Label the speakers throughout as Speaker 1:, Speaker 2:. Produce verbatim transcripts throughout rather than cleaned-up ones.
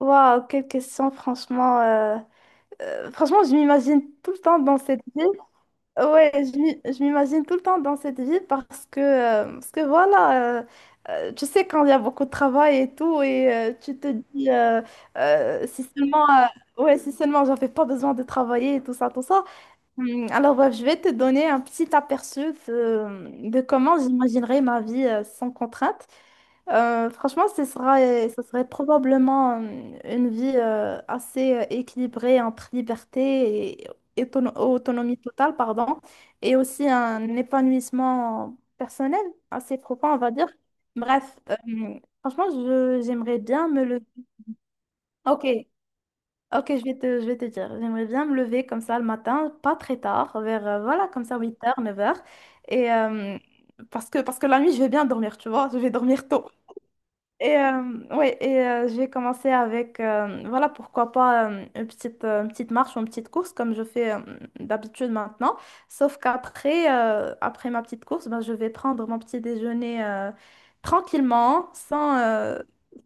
Speaker 1: Waouh, quelle question, franchement. Euh, euh, franchement, je m'imagine tout le temps dans cette vie. Ouais, je m'i- je m'imagine tout le temps dans cette vie parce que, euh, parce que voilà, euh, euh, tu sais, quand il y a beaucoup de travail et tout, et euh, tu te dis, euh, euh, si seulement, euh, ouais, si seulement j'avais pas besoin de travailler et tout ça, tout ça. Hum, Alors, bref, je vais te donner un petit aperçu de, de comment j'imaginerais ma vie euh, sans contrainte. Euh, franchement, ce sera, euh, ce serait probablement euh, une vie euh, assez euh, équilibrée entre liberté et autono- autonomie totale, pardon, et aussi un épanouissement personnel assez profond, on va dire. Bref, euh, franchement, je- j'aimerais bien me lever. Ok, ok, je vais te, je vais te dire. J'aimerais bien me lever comme ça le matin, pas très tard, vers, euh, voilà, comme ça, huit heures neuf heures. Et, euh, parce que, parce que la nuit, je vais bien dormir, tu vois, je vais dormir tôt. Et euh, ouais, et euh, je vais commencer avec, euh, voilà, pourquoi pas euh, une petite, euh, une petite marche ou une petite course comme je fais euh, d'habitude maintenant. Sauf qu'après, euh, après ma petite course, ben, je vais prendre mon petit déjeuner euh, tranquillement, sans, euh,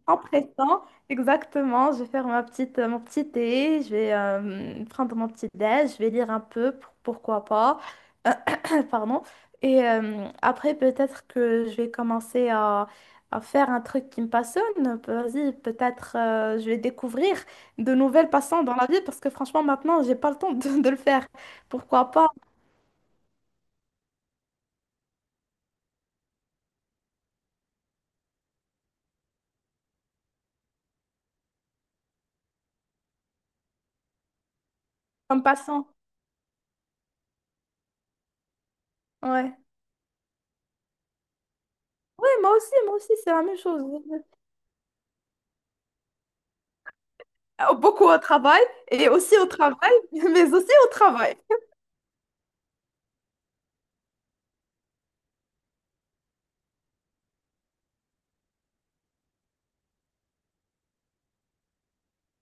Speaker 1: sans pression. Exactement, je vais faire ma petite, euh, mon petit thé, je vais euh, prendre mon petit déj, je vais lire un peu, pour- pourquoi pas, pardon. Et euh, après, peut-être que je vais commencer à, à faire un truc qui me passionne. Vas-y, peut-être euh, je vais découvrir de nouvelles passions dans la vie parce que franchement, maintenant, j'ai pas le temps de, de le faire. Pourquoi pas comme passant? Ouais. Oui, moi aussi, moi aussi, c'est la même chose. Euh, Beaucoup au travail et aussi au travail, mais aussi au travail.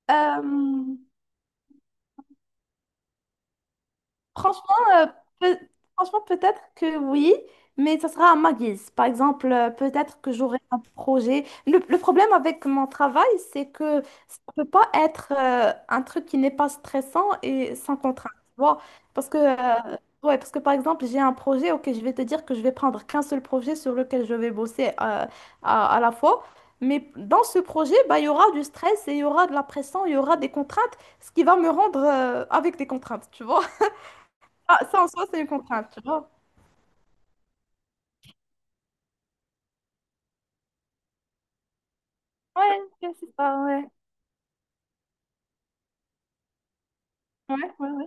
Speaker 1: Euh, Franchement, euh, peut- Franchement, peut-être que oui, mais ça sera à ma guise. Par exemple, euh, peut-être que j'aurai un projet. Le, le problème avec mon travail, c'est que ça ne peut pas être euh, un truc qui n'est pas stressant et sans contrainte. Tu vois? Parce que, euh, ouais, parce que, par exemple, j'ai un projet, ok, je vais te dire que je vais prendre qu'un seul projet sur lequel je vais bosser euh, à, à la fois. Mais dans ce projet, bah, il y aura du stress et il y aura de la pression, il y aura des contraintes, ce qui va me rendre euh, avec des contraintes, tu vois? Ah, ça en soi, c'est une contrainte, tu vois. Ouais, ok, c'est ça, ouais. Ouais, ouais, ouais.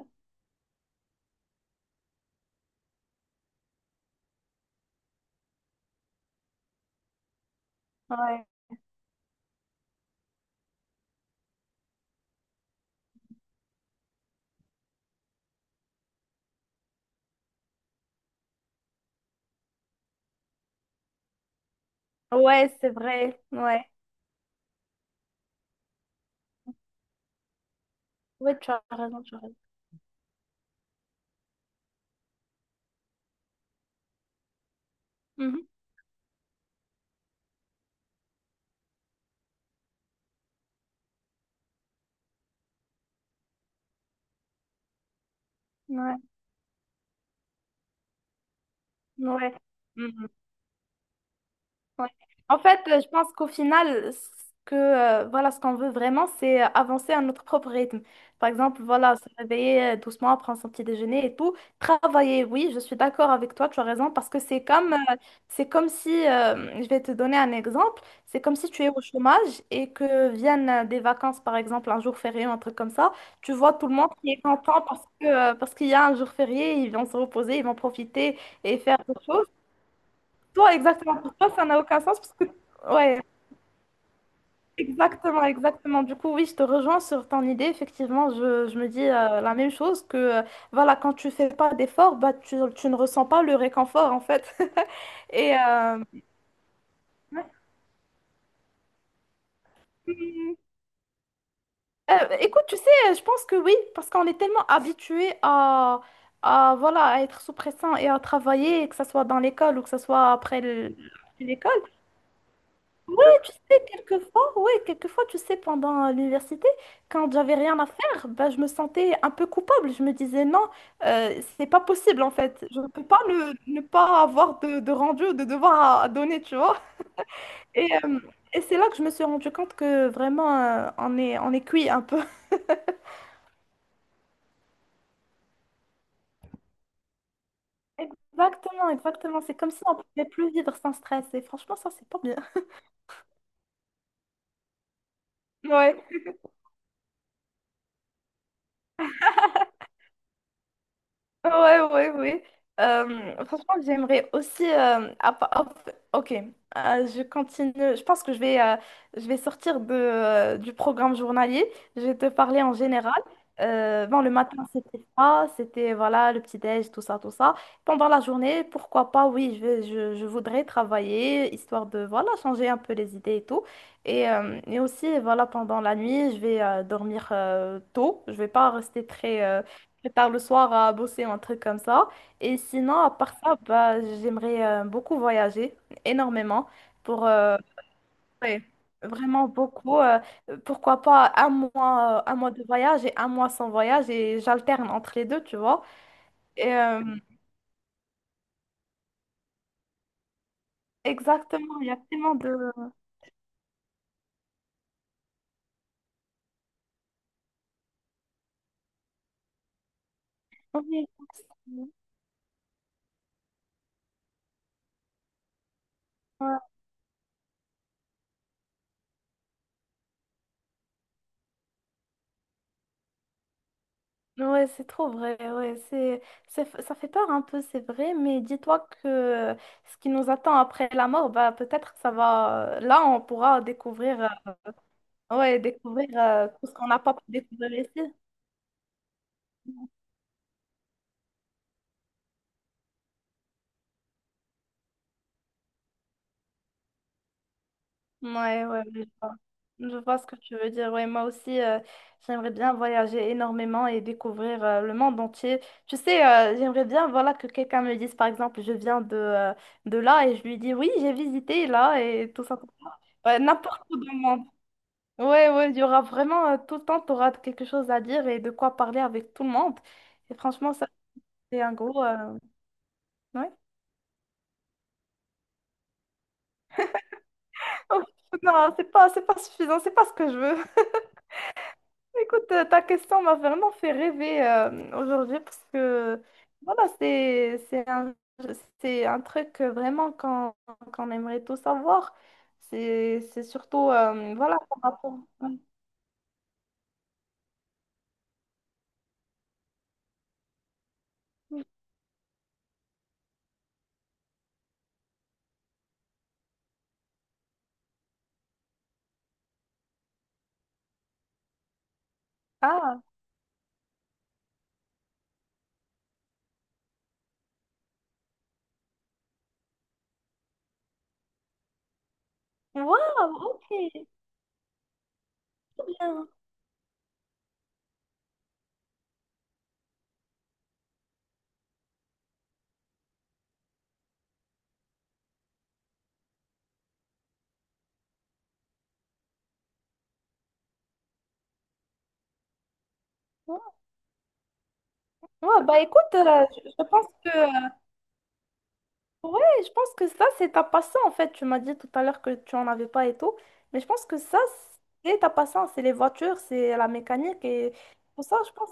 Speaker 1: Ouais. Ouais, c'est vrai. Ouais. Ouais, tu as raison, tu as raison. Mhm. Ouais, ouais. Mm-hmm. Ouais. En fait, euh, je pense qu'au final, ce que, euh, voilà, ce qu'on veut vraiment, c'est euh, avancer à notre propre rythme. Par exemple, voilà, se réveiller euh, doucement, prendre son petit déjeuner et tout. Travailler, oui, je suis d'accord avec toi, tu as raison, parce que c'est comme, euh, c'est comme si, euh, je vais te donner un exemple, c'est comme si tu es au chômage et que viennent euh, des vacances, par exemple, un jour férié ou un truc comme ça. Tu vois tout le monde qui est content parce que, euh, parce qu'il y a un jour férié, ils vont se reposer, ils vont profiter et faire des choses. Toi, exactement. Pour toi, ça n'a aucun sens parce que... Ouais, exactement, exactement. Du coup, oui, je te rejoins sur ton idée. Effectivement, je, je me dis euh, la même chose que, euh, voilà, quand tu fais pas d'effort, bah, tu, tu ne ressens pas le réconfort, en fait. Et euh, ouais. Euh, écoute, tu sais, je pense que oui, parce qu'on est tellement habitué à, à, voilà, à être sous pression et à travailler, que ce soit dans l'école ou que ce soit après le- l'école. Ouais, tu sais, quelquefois, ouais, quelquefois, tu sais, pendant l'université, quand j'avais rien à faire, ben, je me sentais un peu coupable. Je me disais, non, euh, c'est pas possible, en fait. Je ne peux pas ne, ne pas avoir de, de rendu ou de devoir à, à donner, tu vois. Et, euh, et c'est là que je me suis rendu compte que vraiment, euh, on est, on est cuit un peu. Exactement, exactement. C'est comme si on pouvait plus vivre sans stress. Et franchement, ça, c'est pas bien. Ouais. Ouais, ouais, ouais. Euh, franchement, j'aimerais aussi. euh, à pa- hop, ok. Euh, je continue. Je pense que je vais, euh, je vais sortir de, euh, du programme journalier. Je vais te parler en général. Euh, bon, le matin, c'était ça. C'était voilà, le petit-déj, tout ça, tout ça. Pendant la journée, pourquoi pas, oui, je, vais- je, je voudrais travailler, histoire de voilà, changer un peu les idées et tout. Et, euh, et aussi, voilà, pendant la nuit, je vais euh, dormir euh, tôt. Je vais pas rester très. Euh, plus tard le soir à bosser ou un truc comme ça. Et sinon, à part ça, bah, j'aimerais euh, beaucoup voyager, énormément, pour euh, ouais, vraiment beaucoup. Euh, pourquoi pas un mois, euh, un mois de voyage et un mois sans voyage et j'alterne entre les deux, tu vois. Et, euh, exactement, il y a tellement de... Oui. Ouais. Ouais, c'est trop vrai, ouais, c'est, c'est- ça fait peur un peu, c'est vrai, mais dis-toi que ce qui nous attend après la mort, bah, peut-être que ça va, là, on pourra découvrir. Ouais, découvrir euh, tout ce qu'on n'a pas pu découvrir ici. Ouais, ouais, je vois. Je vois ce que tu veux dire. Ouais, moi aussi, euh, j'aimerais bien voyager énormément et découvrir euh, le monde entier. Tu sais, euh, j'aimerais bien, voilà, que quelqu'un me dise, par exemple, je viens de, euh, de là et je lui dis, oui, j'ai visité là et tout ça. Ouais, n'importe où dans le monde. Ouais, ouais, il y aura vraiment, euh, tout le temps, tu auras quelque chose à dire et de quoi parler avec tout le monde. Et franchement, ça, c'est un gros... euh, ouais. Non, c'est pas, c'est pas suffisant, c'est pas ce que je veux. Écoute, euh, ta question m'a vraiment fait rêver euh, aujourd'hui parce que voilà, c'est c'est un, c'est un truc euh, vraiment qu'on qu'on aimerait tous savoir. C'est c'est surtout, euh, voilà, par rapport- Ah, waouh, ok, bien. Ouais, bah écoute, euh, je, je pense que euh, ouais, je pense que ça c'est ta passion en fait. Tu m'as dit tout à l'heure que tu en avais pas et tout, mais je pense que ça c'est ta passion, c'est les voitures, c'est la mécanique et tout ça, je pense.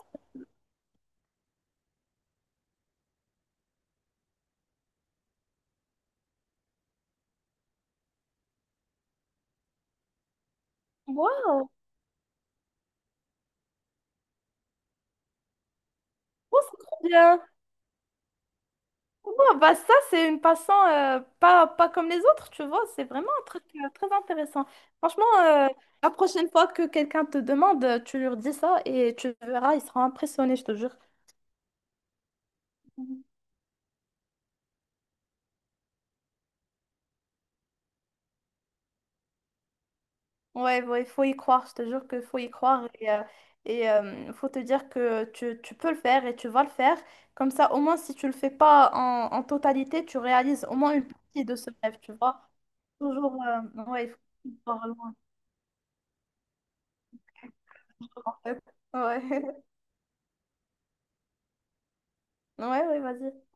Speaker 1: Ouais. Oh, c'est trop bien. Ouais, bah ça, c'est une passant euh, pas, pas comme les autres, tu vois. C'est vraiment un truc euh, très intéressant. Franchement, euh, la prochaine fois que quelqu'un te demande, euh, tu lui redis ça et tu verras, il sera impressionné, je te jure. Mhm. Ouais, ouais, il faut y croire, je te jure qu'il faut y croire. Et euh, et, euh, faut te dire que tu, tu peux le faire et tu vas le faire. Comme ça, au moins, si tu le fais pas en, en totalité, tu réalises au moins une partie de ce rêve, tu vois. Toujours, euh, ouais, il faut y croire loin. Ouais. Ouais, ouais, vas-y,